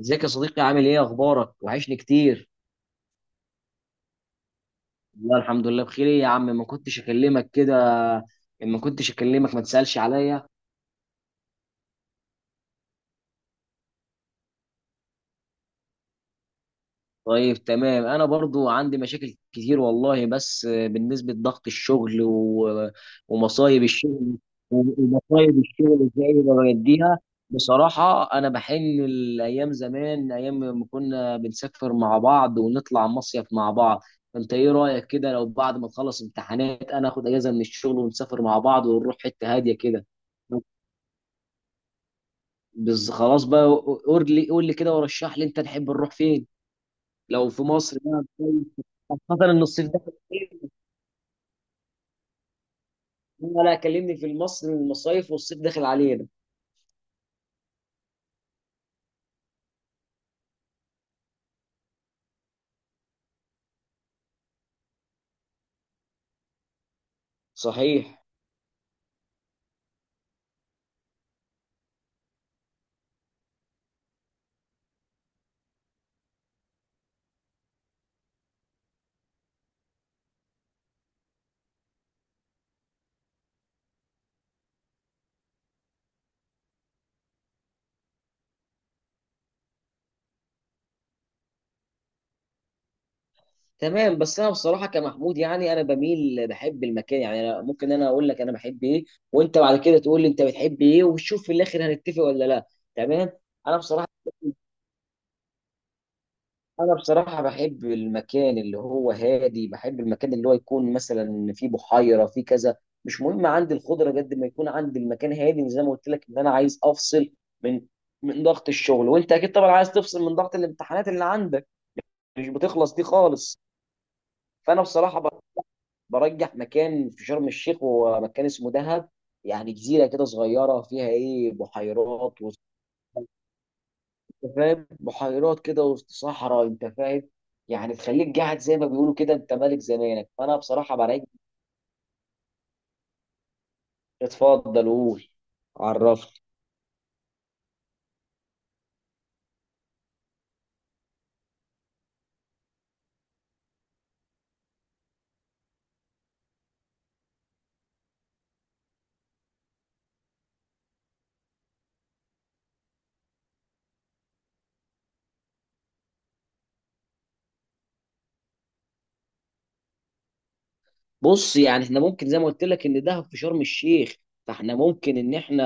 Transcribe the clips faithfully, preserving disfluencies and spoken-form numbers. ازيك يا صديقي، عامل ايه؟ اخبارك؟ وحشني كتير. والله الحمد لله بخير، ايه يا عم ما كنتش اكلمك كده؟ ما كنتش اكلمك ما تسالش عليا؟ طيب تمام، انا برضو عندي مشاكل كتير والله، بس آه، بالنسبه لضغط الشغل و... ومصايب الشغل. ومصايب الشغل ازاي بوديها. بصراحه انا بحن الايام زمان، ايام ما كنا بنسافر مع بعض ونطلع مصيف مع بعض. انت ايه رايك كده لو بعد ما نخلص امتحانات انا اخد اجازه من الشغل ونسافر مع بعض ونروح حته هاديه كده؟ بس خلاص بقى. قول لي قول لي كده ورشح لي، انت تحب نروح فين؟ لو في مصر بقى كويس، خاصة إن الصيف داخل علينا. لا لا، كلمني في مصر المصايف والصيف داخل علينا. صحيح. تمام، بس أنا بصراحة كمحمود يعني أنا بميل بحب المكان، يعني أنا ممكن أنا أقول لك أنا بحب إيه، وأنت بعد كده تقول لي أنت بتحب إيه، وشوف في الآخر هنتفق ولا لا. تمام. أنا بصراحة انا بصراحه بحب المكان اللي هو هادي، بحب المكان اللي هو يكون مثلا فيه بحيره فيه كذا. مش مهم عندي الخضره قد ما يكون عندي المكان هادي، وزي ما قلت لك ان انا عايز افصل من من ضغط الشغل، وانت اكيد طبعا عايز تفصل من ضغط الامتحانات اللي عندك مش بتخلص دي خالص. فانا بصراحه ب- برجح مكان في شرم الشيخ ومكان اسمه دهب. يعني جزيره كده صغيره فيها ايه بحيرات، انت فاهم؟ بحيرات كده وسط صحراء، انت فاهم؟ يعني تخليك قاعد زي ما بيقولوا كده انت ملك زمانك. فانا بصراحه برايك اتفضل قول. عرفني. بص يعني احنا ممكن زي ما قلت لك ان دهب في شرم الشيخ، فاحنا ممكن ان احنا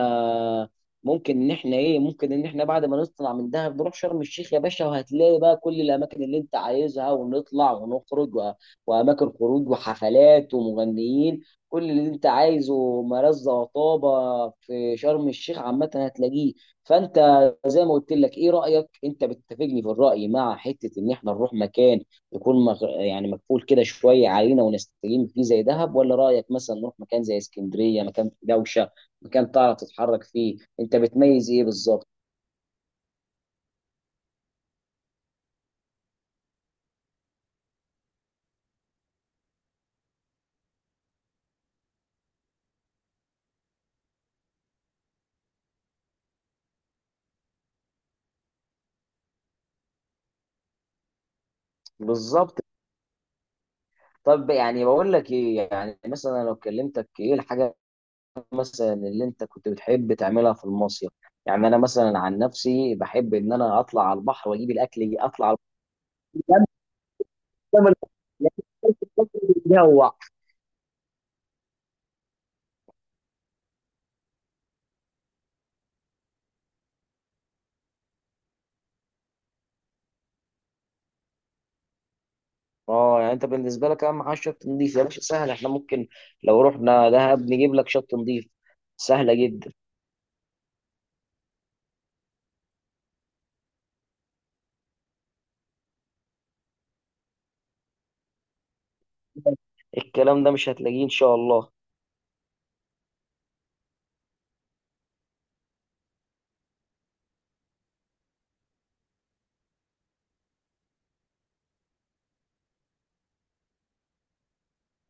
ممكن ان احنا ايه ممكن ان احنا بعد ما نطلع من دهب نروح شرم الشيخ يا باشا، وهتلاقي بقى كل الاماكن اللي انت عايزها ونطلع ونخرج و... واماكن خروج وحفلات ومغنيين، كل اللي انت عايزه مرزة وطابة في شرم الشيخ عامة هتلاقيه. فانت زي ما قلت لك، ايه رأيك انت بتتفقني في الرأي مع حتة ان احنا نروح مكان يكون مغ... يعني مقفول كده شويه علينا ونستجم فيه زي دهب، ولا رايك مثلا نروح مكان زي اسكندريه، مكان في دوشه، مكان تعرف تتحرك فيه، انت بتميز ايه بالظبط؟ بالظبط. طب يعني بقول لك ايه، يعني مثلا لو كلمتك ايه الحاجه مثلا اللي انت كنت بتحب تعملها في المصيف؟ يعني انا مثلا عن نفسي بحب ان انا اطلع على البحر واجيب الاكل اطلع على البحر. اه يعني انت بالنسبه لك اهم حاجه شط نضيف. يا باشا سهل، احنا ممكن لو رحنا دهب نجيب لك شط نضيف. سهله جدا، الكلام ده مش هتلاقيه ان شاء الله.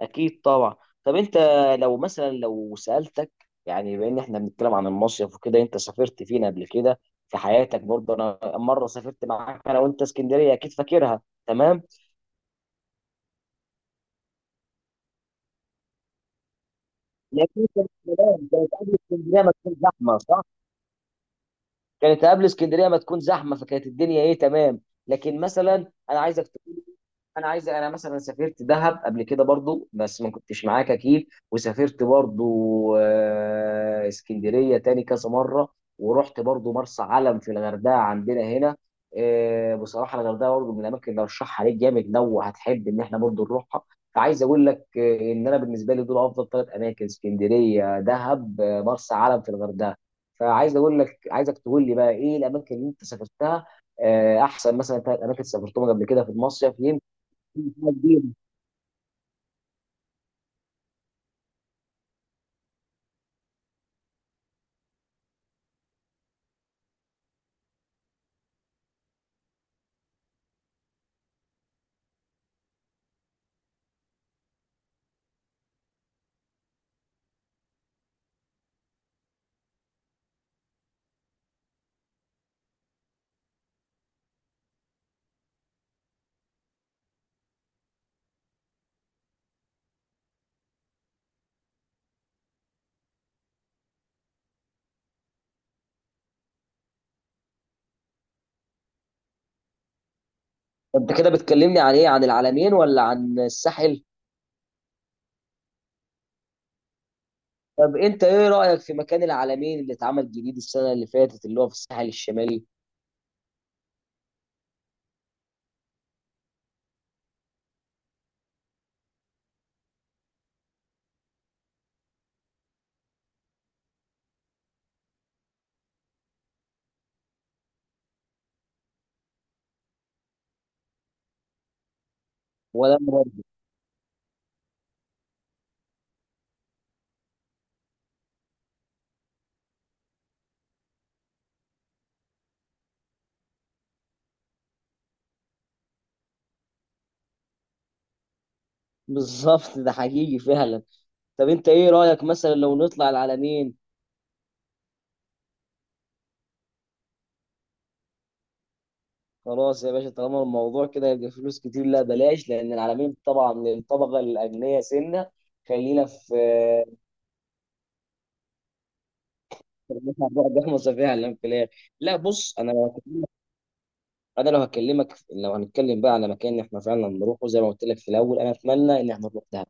اكيد طبعا. طب انت لو مثلا لو سالتك، يعني بما ان احنا بنتكلم عن المصيف وكده، انت سافرت فين قبل كده في حياتك؟ برضه انا مره سافرت معاك انا وانت اسكندريه، اكيد فاكرها. تمام. لكن انت مش- كانت قبل اسكندريه ما تكون زحمه، صح؟ كانت قبل اسكندريه ما تكون زحمه، فكانت الدنيا ايه تمام. لكن مثلا انا عايزك تقول، انا عايز، انا مثلا سافرت دهب قبل كده برضو بس ما كنتش معاك اكيد، وسافرت برضو آه، اسكندريه تاني كذا مره، ورحت برضو مرسى علم في الغردقه عندنا هنا. آه، بصراحه الغردقه برضو من الاماكن اللي ارشحها ليك جامد لو هتحب ان احنا برضو نروحها. فعايز اقول لك آه، ان انا بالنسبه لي دول افضل ثلاث اماكن، اسكندريه، دهب، آه، مرسى علم في الغردقه. فعايز اقول لك، عايزك تقول لي بقى ايه الاماكن اللي انت سافرتها، آه، احسن مثلا ثلاث اماكن سافرتهم قبل كده في المصيف يمكن في حاجة جديدة. انت كده بتكلمني عن ايه، عن العلمين ولا عن الساحل؟ طب انت ايه رايك في مكان العلمين اللي اتعمل جديد السنه اللي فاتت، اللي هو في الساحل الشمالي؟ ولا مرة. بالظبط، ده حقيقي فعلا. طب انت ايه رايك مثلا لو نطلع العلمين؟ خلاص يا باشا، طالما الموضوع كده يبقى فلوس كتير، لا بلاش، لان العلمين طبعا للطبقه الاغنياء سنه. خلينا في بعد احمص فعلا في الاخر. لا بص، انا لو انا لو هكلمك لو هنتكلم بقى على مكان احنا فعلا نروحه، زي ما قلت لك في الاول انا اتمنى ان احنا نروح دهب.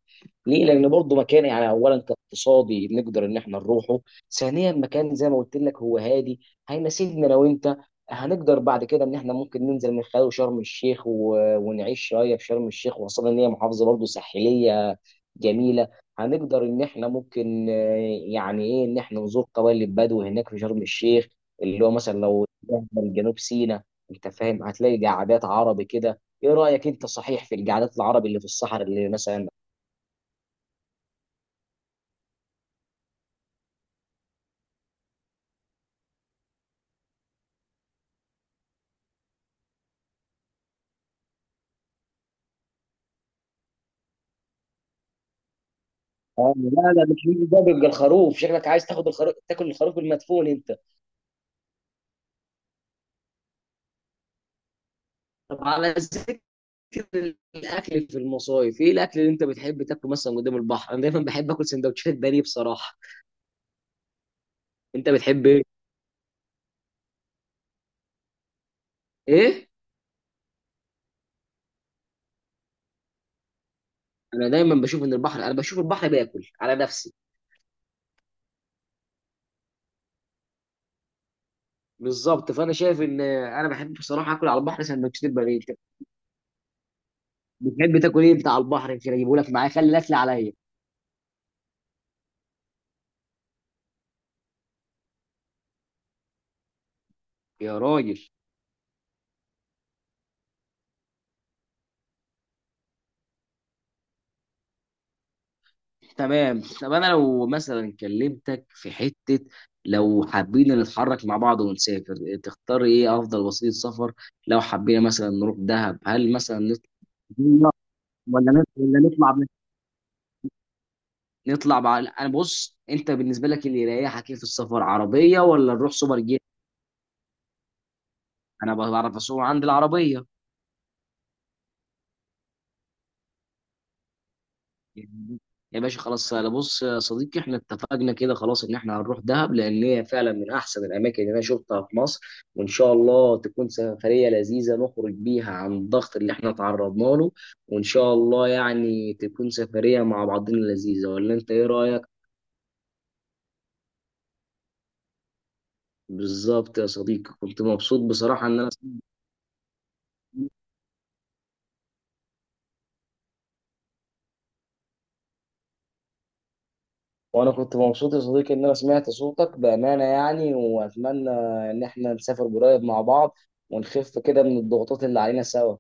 ليه؟ لان برضه مكان، يعني اولا كاقتصادي نقدر ان احنا نروحه، ثانيا مكان زي ما قلت لك هو هادي هيناسبنا. لو انت هنقدر بعد كده ان احنا ممكن ننزل من خلال شرم الشيخ و... ونعيش شويه في شرم الشيخ، وخاصه ان هي محافظه برضه ساحليه جميله. هنقدر ان احنا ممكن آه، يعني ايه ان احنا نزور قبائل البدو هناك في شرم الشيخ، اللي هو مثلا لو من جنوب سيناء انت فاهم، هتلاقي قعدات عربي كده. ايه رايك انت، صحيح في القعدات العربي اللي في الصحراء اللي مثلا؟ لا لا مش مين ده، بيبقى الخروف، شكلك عايز تاخد الخروف تاكل الخروف المدفون انت. طب على ذكر الاكل في المصايف، ايه الاكل اللي انت بتحب تاكله مثلا قدام البحر؟ انا دايما بحب اكل سندوتشات بانيه بصراحه. انت بتحب ايه؟ ايه. انا دايما بشوف ان البحر انا بشوف البحر باكل على نفسي. بالظبط، فانا شايف ان انا بحب بصراحه اكل على البحر سندوتشات البانيه. بتحب تاكل ايه بتاع البحر؟ يمكن اجيبه لك معايا، خلي الاكل عليا. يا راجل. تمام. طب انا لو مثلا كلمتك في حته، لو حابين نتحرك مع بعض ونسافر، تختار ايه افضل وسيله سفر؟ لو حبينا مثلا نروح دهب هل مثلا نطلع بالله، ولا نطلع ولا نطلع ب... نطلع بقى. انا بص، انت بالنسبه لك اللي يريحك ايه في السفر، عربيه ولا نروح سوبر جيت؟ انا بعرف اسوق عند العربيه. يا باشا خلاص، انا بص يا صديقي احنا اتفقنا كده خلاص ان احنا هنروح دهب، لان هي فعلا من احسن الاماكن اللي انا شفتها في مصر، وان شاء الله تكون سفريه لذيذه نخرج بيها عن الضغط اللي احنا تعرضنا له. وان شاء الله يعني تكون سفريه مع بعضنا لذيذه، ولا انت ايه رايك؟ بالظبط يا صديقي، كنت مبسوط بصراحه ان انا. وانا كنت مبسوط يا صديقي ان انا سمعت صوتك بامانه يعني، واتمنى ان احنا نسافر قريب مع بعض، ونخف كده من الضغوطات اللي علينا سوا.